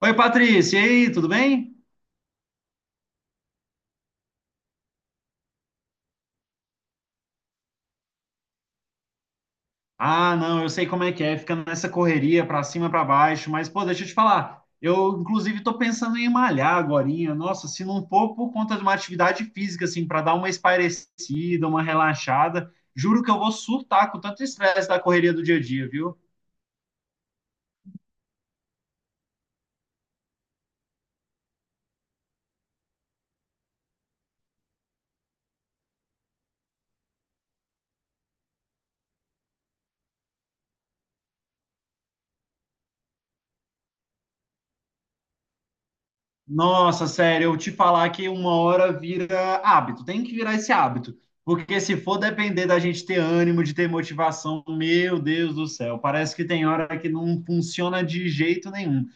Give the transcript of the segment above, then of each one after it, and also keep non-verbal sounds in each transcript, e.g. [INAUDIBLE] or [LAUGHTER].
Oi, Patrícia, e aí, tudo bem? Ah, não, eu sei como é que é, fica nessa correria pra cima, pra baixo, mas pô, deixa eu te falar. Eu inclusive tô pensando em malhar agorinha. Nossa, se não for por conta de uma atividade física assim, pra dar uma espairecida, uma relaxada, juro que eu vou surtar com tanto estresse da correria do dia a dia, viu? Nossa, sério, eu te falar que uma hora vira hábito, tem que virar esse hábito. Porque se for depender da gente ter ânimo, de ter motivação, meu Deus do céu, parece que tem hora que não funciona de jeito nenhum.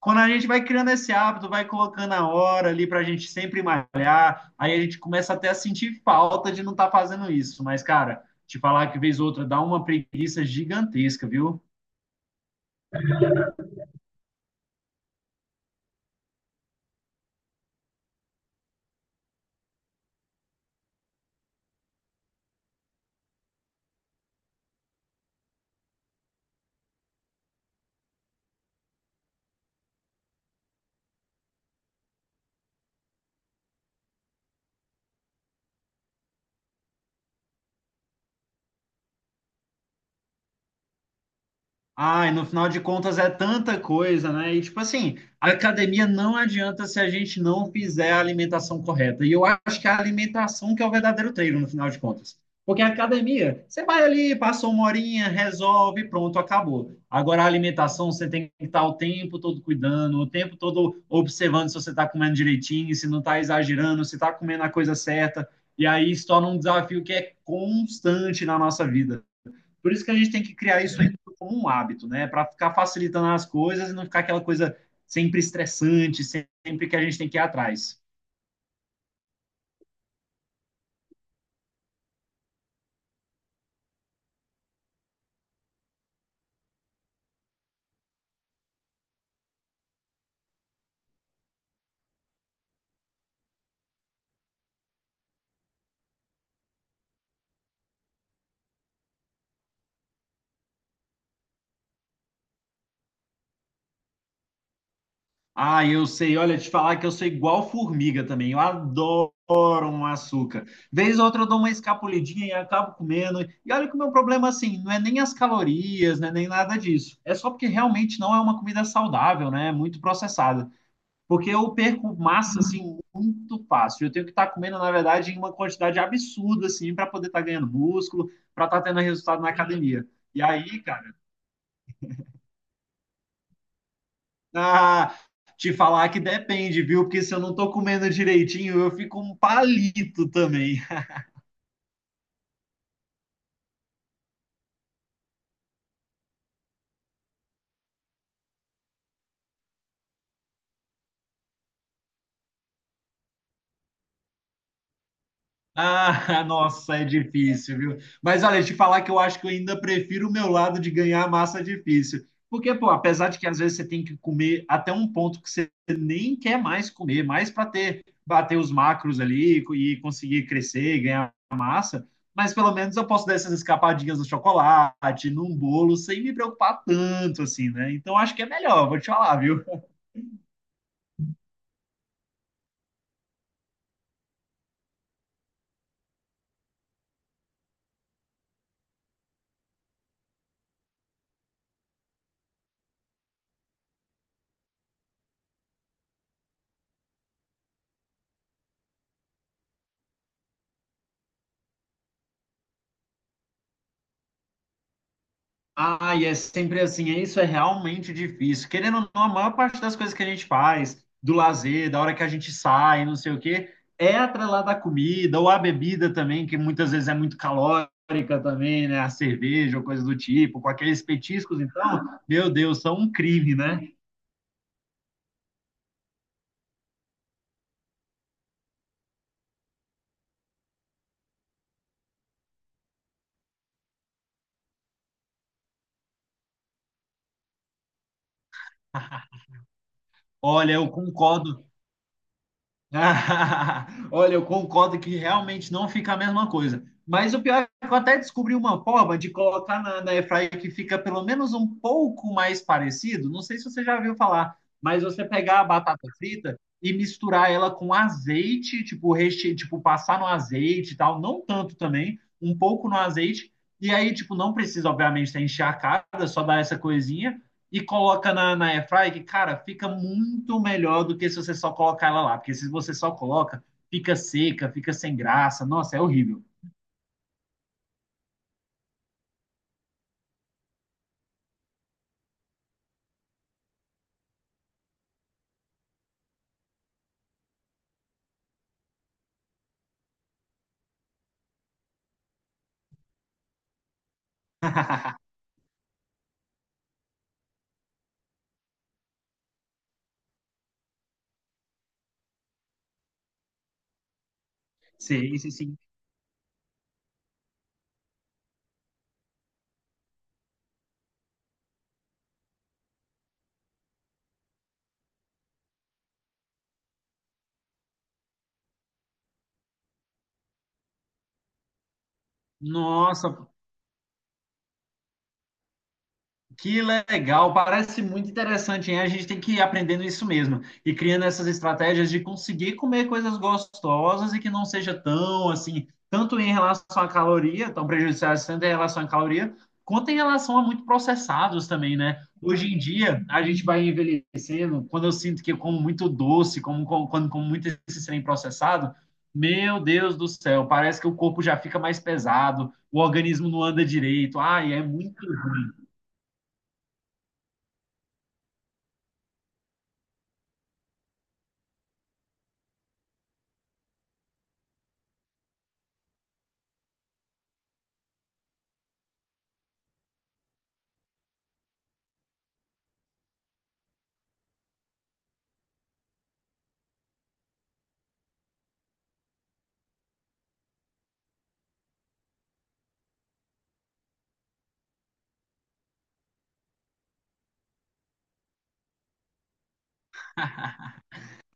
Quando a gente vai criando esse hábito, vai colocando a hora ali para a gente sempre malhar, aí a gente começa até a sentir falta de não estar fazendo isso. Mas, cara, te falar que vez ou outra dá uma preguiça gigantesca, viu? Ai, no final de contas é tanta coisa, né? E tipo assim, a academia não adianta se a gente não fizer a alimentação correta. E eu acho que é a alimentação que é o verdadeiro treino, no final de contas. Porque a academia, você vai ali, passa uma horinha, resolve, pronto, acabou. Agora a alimentação, você tem que estar o tempo todo cuidando, o tempo todo observando se você está comendo direitinho, se não está exagerando, se está comendo a coisa certa. E aí isso torna um desafio que é constante na nossa vida. Por isso que a gente tem que criar isso aí como um hábito, né? Para ficar facilitando as coisas e não ficar aquela coisa sempre estressante, sempre que a gente tem que ir atrás. Ah, eu sei, olha, te falar que eu sou igual formiga também. Eu adoro um açúcar. Vez ou outra eu dou uma escapulidinha e acabo comendo. E olha que o meu problema, assim, não é nem as calorias, né, nem nada disso. É só porque realmente não é uma comida saudável, né? É muito processada. Porque eu perco massa assim muito fácil. Eu tenho que estar comendo, na verdade, em uma quantidade absurda assim para poder estar ganhando músculo, para estar tendo resultado na academia. E aí, cara, ah, te falar que depende, viu? Porque se eu não tô comendo direitinho, eu fico um palito também. Ah, [LAUGHS] nossa, é difícil, viu? Mas olha, te falar que eu acho que eu ainda prefiro o meu lado de ganhar a massa difícil. Porque, pô, apesar de que às vezes você tem que comer até um ponto que você nem quer mais comer, mais para ter, bater os macros ali e conseguir crescer, ganhar massa, mas pelo menos eu posso dar essas escapadinhas no chocolate, num bolo, sem me preocupar tanto assim, né? Então acho que é melhor, vou te falar, viu? Ah, e é sempre assim, é isso é realmente difícil. Querendo ou não, a maior parte das coisas que a gente faz, do lazer, da hora que a gente sai, não sei o quê, é atrelada à comida ou à bebida também, que muitas vezes é muito calórica também, né? A cerveja ou coisa do tipo, com aqueles petiscos, então, meu Deus, são um crime, né? [LAUGHS] Olha, eu concordo. Ah, [LAUGHS] olha, eu concordo que realmente não fica a mesma coisa. Mas o pior é que eu até descobri uma forma de colocar na airfryer que fica pelo menos um pouco mais parecido. Não sei se você já viu falar, mas você pegar a batata frita e misturar ela com azeite, tipo, tipo passar no azeite e tal, não tanto também, um pouco no azeite. E aí, tipo, não precisa, obviamente, ter encharcada, só dar essa coisinha e coloca na airfry, que, cara, fica muito melhor do que se você só colocar ela lá. Porque se você só coloca, fica seca, fica sem graça. Nossa, é horrível. [LAUGHS] Sim, sim, sim. Nossa, que legal, parece muito interessante, hein? A gente tem que ir aprendendo isso mesmo e criando essas estratégias de conseguir comer coisas gostosas e que não seja tão assim, tanto em relação à caloria, tão prejudiciais tanto em relação à caloria, quanto em relação a muito processados também, né? Hoje em dia, a gente vai envelhecendo, quando eu sinto que eu como muito doce, quando como muito esse trem processado, meu Deus do céu, parece que o corpo já fica mais pesado, o organismo não anda direito. Ai, é muito.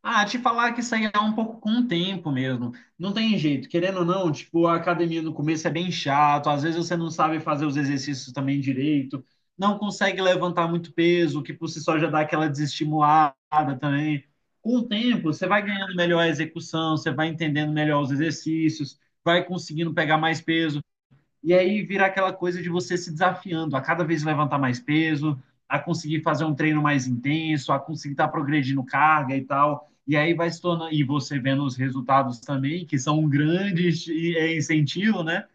Ah, te falar que isso aí é um pouco com o tempo mesmo. Não tem jeito, querendo ou não, tipo, a academia no começo é bem chato, às vezes você não sabe fazer os exercícios também direito, não consegue levantar muito peso, o que por si só já dá aquela desestimulada também. Com o tempo, você vai ganhando melhor a execução, você vai entendendo melhor os exercícios, vai conseguindo pegar mais peso. E aí vira aquela coisa de você se desafiando a cada vez levantar mais peso, a conseguir fazer um treino mais intenso, a conseguir estar progredindo carga e tal. E aí vai se tornando, e você vendo os resultados também, que são um grande incentivo, né?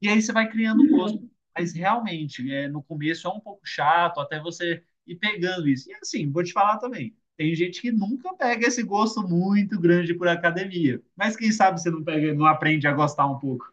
E aí você vai criando um gosto. Mas realmente, é, no começo é um pouco chato, até você ir pegando isso. E assim, vou te falar também, tem gente que nunca pega esse gosto muito grande por academia. Mas quem sabe você não pega, não aprende a gostar um pouco.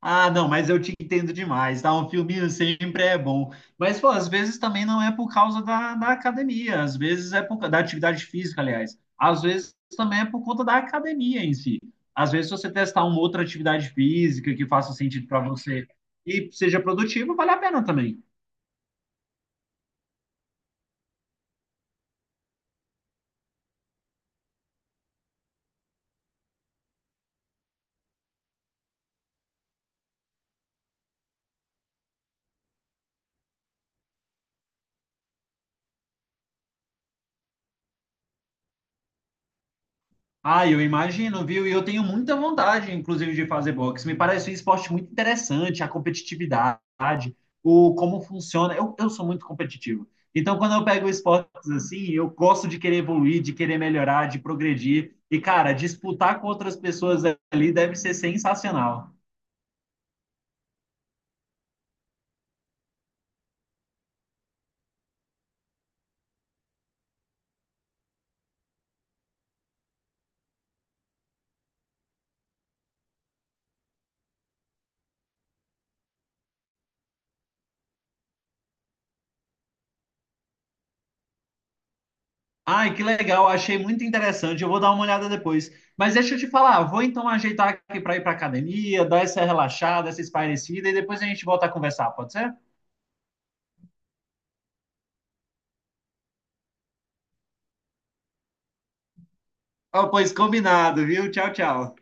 Ah, não, mas eu te entendo demais, tá? Um filminho sempre é bom. Mas, pô, às vezes também não é por causa da academia, às vezes é por causa da atividade física, aliás. Às vezes também é por conta da academia em si. Às vezes, se você testar uma outra atividade física que faça sentido para você e seja produtivo, vale a pena também. Ah, eu imagino, viu? E eu tenho muita vontade, inclusive, de fazer boxe. Me parece um esporte muito interessante, a competitividade, o como funciona. Eu sou muito competitivo. Então, quando eu pego esportes assim, eu gosto de querer evoluir, de querer melhorar, de progredir. E, cara, disputar com outras pessoas ali deve ser sensacional. Ai, que legal, achei muito interessante. Eu vou dar uma olhada depois. Mas deixa eu te falar, vou então ajeitar aqui para ir para academia, dar essa relaxada, essa espairecida e depois a gente volta a conversar, pode ser? Oh, pois combinado, viu? Tchau, tchau.